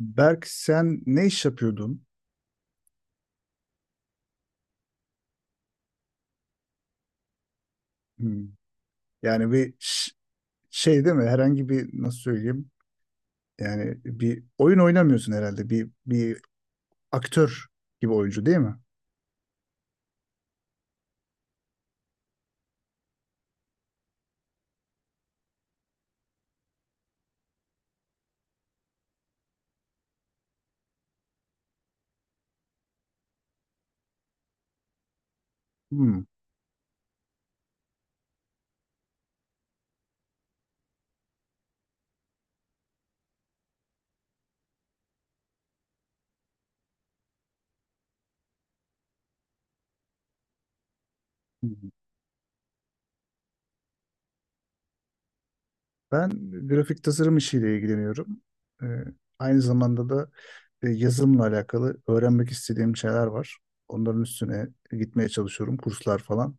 Berk, sen ne iş yapıyordun? Hmm. Yani şey değil mi? Herhangi bir, nasıl söyleyeyim? Yani bir oyun oynamıyorsun herhalde. Bir aktör gibi oyuncu değil mi? Hmm. Hmm. Ben grafik tasarım işiyle ilgileniyorum. Ee, Aynı zamanda da yazılımla alakalı öğrenmek istediğim şeyler var. Onların üstüne gitmeye çalışıyorum. Kurslar falan.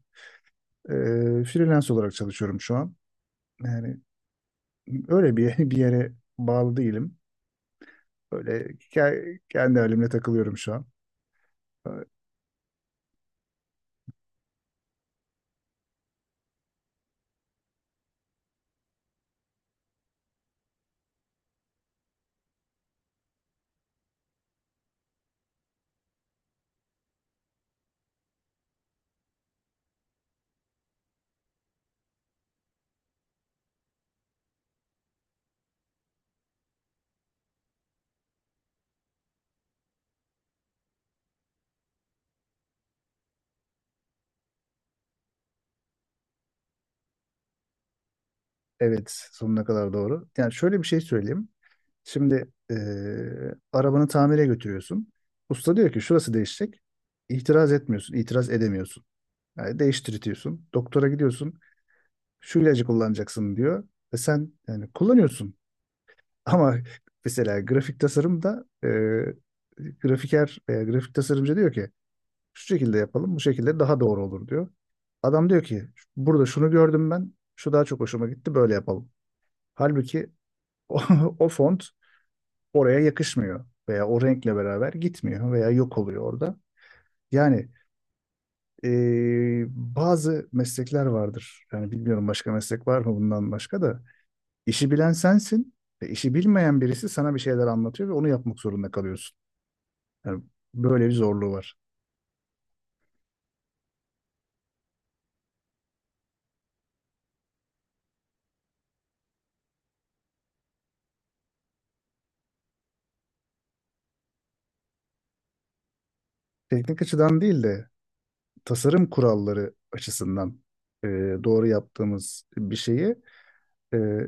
Freelance olarak çalışıyorum şu an. Yani öyle bir bir yere bağlı değilim. Böyle kendi halimle takılıyorum şu an. Ee, Evet, sonuna kadar doğru. Yani şöyle bir şey söyleyeyim. Şimdi arabanı tamire götürüyorsun. Usta diyor ki şurası değişecek. İtiraz etmiyorsun, itiraz edemiyorsun. Yani değiştirtiyorsun. Doktora gidiyorsun. Şu ilacı kullanacaksın diyor. Ve sen yani kullanıyorsun. Ama mesela grafik tasarımda grafiker veya grafik tasarımcı diyor ki şu şekilde yapalım, bu şekilde daha doğru olur diyor. Adam diyor ki burada şunu gördüm ben, şu daha çok hoşuma gitti, böyle yapalım. Halbuki o, o font oraya yakışmıyor veya o renkle beraber gitmiyor veya yok oluyor orada. Yani bazı meslekler vardır. Yani bilmiyorum başka meslek var mı bundan başka da. İşi bilen sensin ve işi bilmeyen birisi sana bir şeyler anlatıyor ve onu yapmak zorunda kalıyorsun. Yani böyle bir zorluğu var. Teknik açıdan değil de tasarım kuralları açısından e, doğru yaptığımız bir şeyi, e,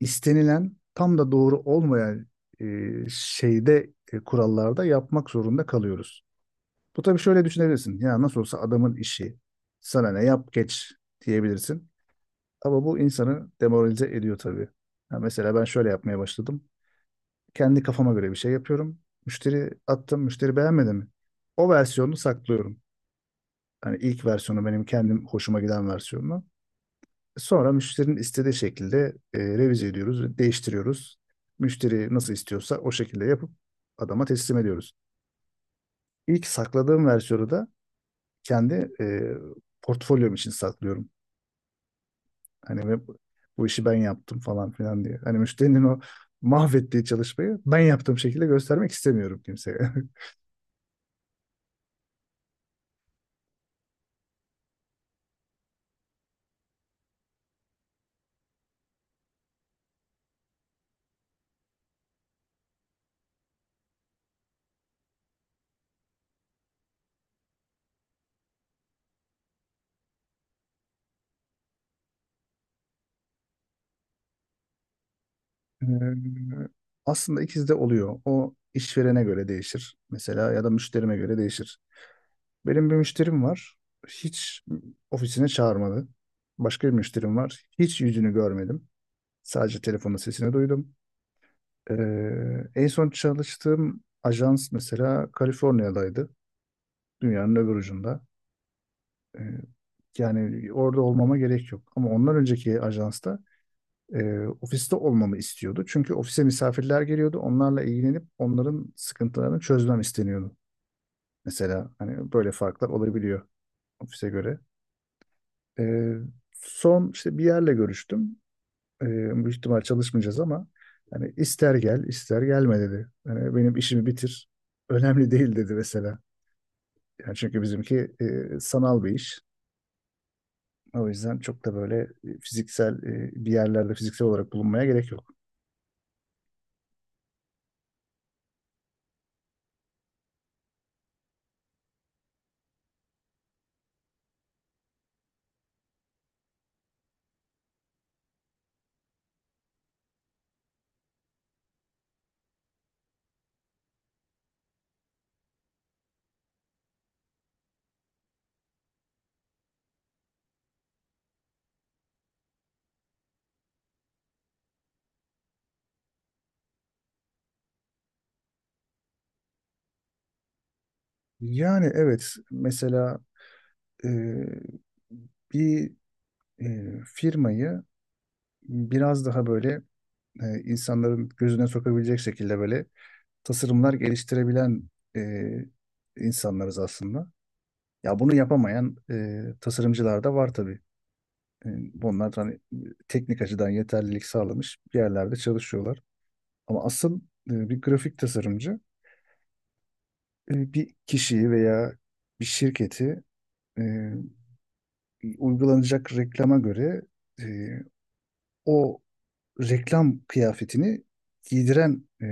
istenilen tam da doğru olmayan e, şeyde, kurallarda yapmak zorunda kalıyoruz. Bu tabii şöyle düşünebilirsin. Ya nasıl olsa adamın işi. Sana ne, yap geç diyebilirsin. Ama bu insanı demoralize ediyor tabii. Ya mesela ben şöyle yapmaya başladım. Kendi kafama göre bir şey yapıyorum. Müşteri attım, müşteri beğenmedi mi? O versiyonunu saklıyorum. Hani ilk versiyonu, benim kendim hoşuma giden versiyonu. Sonra müşterinin istediği şekilde revize ediyoruz ve değiştiriyoruz. Müşteri nasıl istiyorsa o şekilde yapıp adama teslim ediyoruz. İlk sakladığım versiyonu da kendi portfolyom için saklıyorum. Hani, ve bu işi ben yaptım falan filan diye. Hani müşterinin o mahvettiği çalışmayı ben yaptığım şekilde göstermek istemiyorum kimseye. Ee, Aslında ikisi de oluyor. O işverene göre değişir. Mesela ya da müşterime göre değişir. Benim bir müşterim var. Hiç ofisine çağırmadı. Başka bir müşterim var. Hiç yüzünü görmedim. Sadece telefonun sesini duydum. En son çalıştığım ajans mesela Kaliforniya'daydı. Dünyanın öbür ucunda. E, Yani orada olmama gerek yok. Ama ondan önceki ajansta ofiste olmamı istiyordu. Çünkü ofise misafirler geliyordu. Onlarla ilgilenip onların sıkıntılarını çözmem isteniyordu. Mesela hani böyle farklar olabiliyor ofise göre. E, Son işte bir yerle görüştüm. E, Büyük ihtimal çalışmayacağız ama hani ister gel ister gelme dedi. Yani benim işimi bitir. Önemli değil dedi mesela. Yani çünkü bizimki sanal bir iş. O yüzden çok da böyle fiziksel, bir yerlerde fiziksel olarak bulunmaya gerek yok. Yani evet, mesela e, bir firmayı biraz daha böyle insanların gözüne sokabilecek şekilde böyle tasarımlar geliştirebilen e, insanlarız aslında. Ya bunu yapamayan tasarımcılar da var tabii. E, Bunlar hani teknik açıdan yeterlilik sağlamış bir yerlerde çalışıyorlar. Ama asıl bir grafik tasarımcı bir kişiyi veya bir şirketi e, uygulanacak reklama göre, e, o reklam kıyafetini giydiren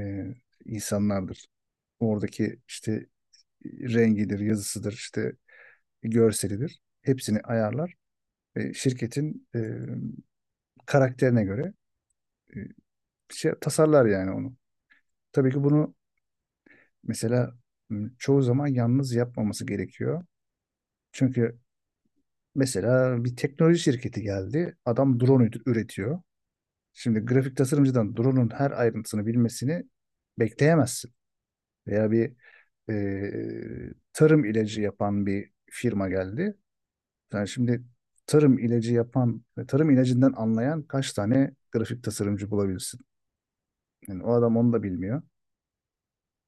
insanlardır. Oradaki işte rengidir, yazısıdır, işte görselidir. Hepsini ayarlar ve şirketin karakterine göre e, şey tasarlar yani onu. Tabii ki bunu mesela çoğu zaman yalnız yapmaması gerekiyor. Çünkü mesela bir teknoloji şirketi geldi. Adam drone üretiyor. Şimdi grafik tasarımcıdan drone'un her ayrıntısını bilmesini bekleyemezsin. Veya bir tarım ilacı yapan bir firma geldi. Yani şimdi tarım ilacı yapan ve tarım ilacından anlayan kaç tane grafik tasarımcı bulabilirsin? Yani o adam onu da bilmiyor.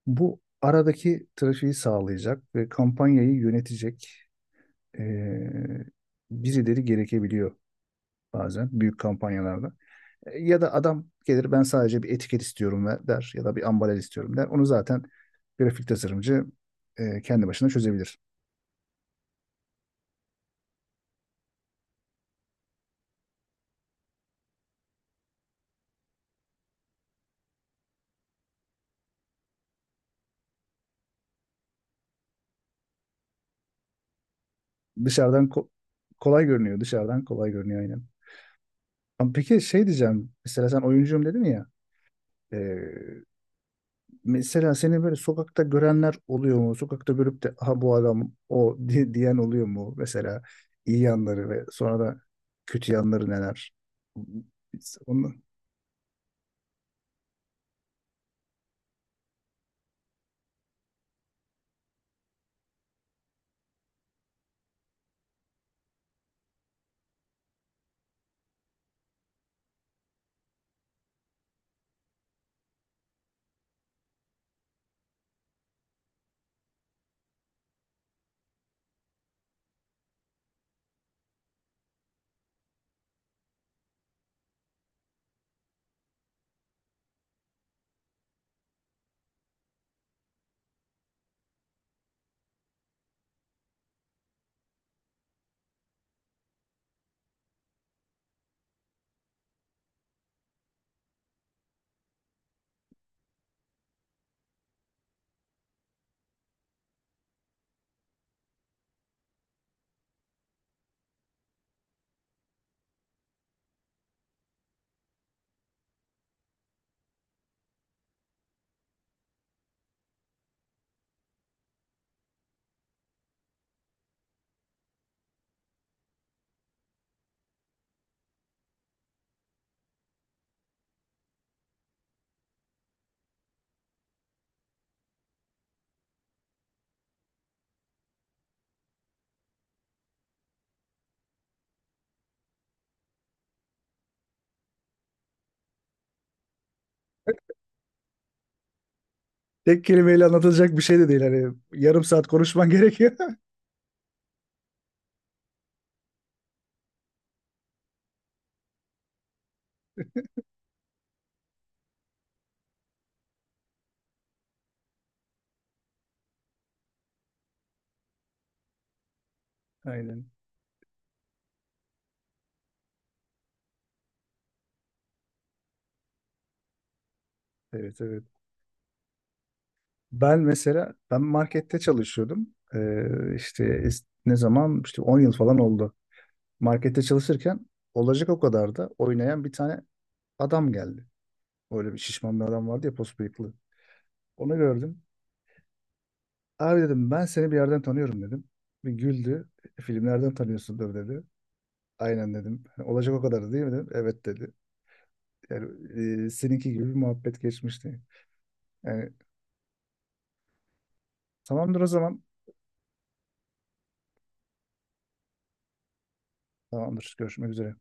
Bu aradaki trafiği sağlayacak ve kampanyayı yönetecek e, birileri gerekebiliyor bazen büyük kampanyalarda. Ya da adam gelir, ben sadece bir etiket istiyorum ve der ya da bir ambalaj istiyorum der. Onu zaten grafik tasarımcı kendi başına çözebilir. Dışarıdan kolay görünüyor. Dışarıdan kolay görünüyor aynen. Ama peki şey diyeceğim. Mesela sen oyuncuyum dedin ya. e, Mesela seni böyle sokakta görenler oluyor mu? Sokakta görüp de aha bu adam o diyen oluyor mu? Mesela iyi yanları ve sonra da kötü yanları neler? Onu, tek kelimeyle anlatılacak bir şey de değil. Hani yarım saat konuşman gerekiyor. Aynen. Evet, evet. Ben mesela ben markette çalışıyordum. İşte ne zaman işte 10 yıl falan oldu. Markette çalışırken Olacak O kadar da oynayan bir tane adam geldi. Öyle bir şişman bir adam vardı ya, pos bıyıklı. Onu gördüm. Abi dedim, ben seni bir yerden tanıyorum dedim. Bir güldü. Filmlerden tanıyorsundur" dedi. "Aynen" dedim. "Hani Olacak O Kadar değil mi?" dedim. "Evet" dedi. Yani seninki gibi bir muhabbet geçmişti. Yani tamamdır o zaman. Tamamdır. Görüşmek üzere.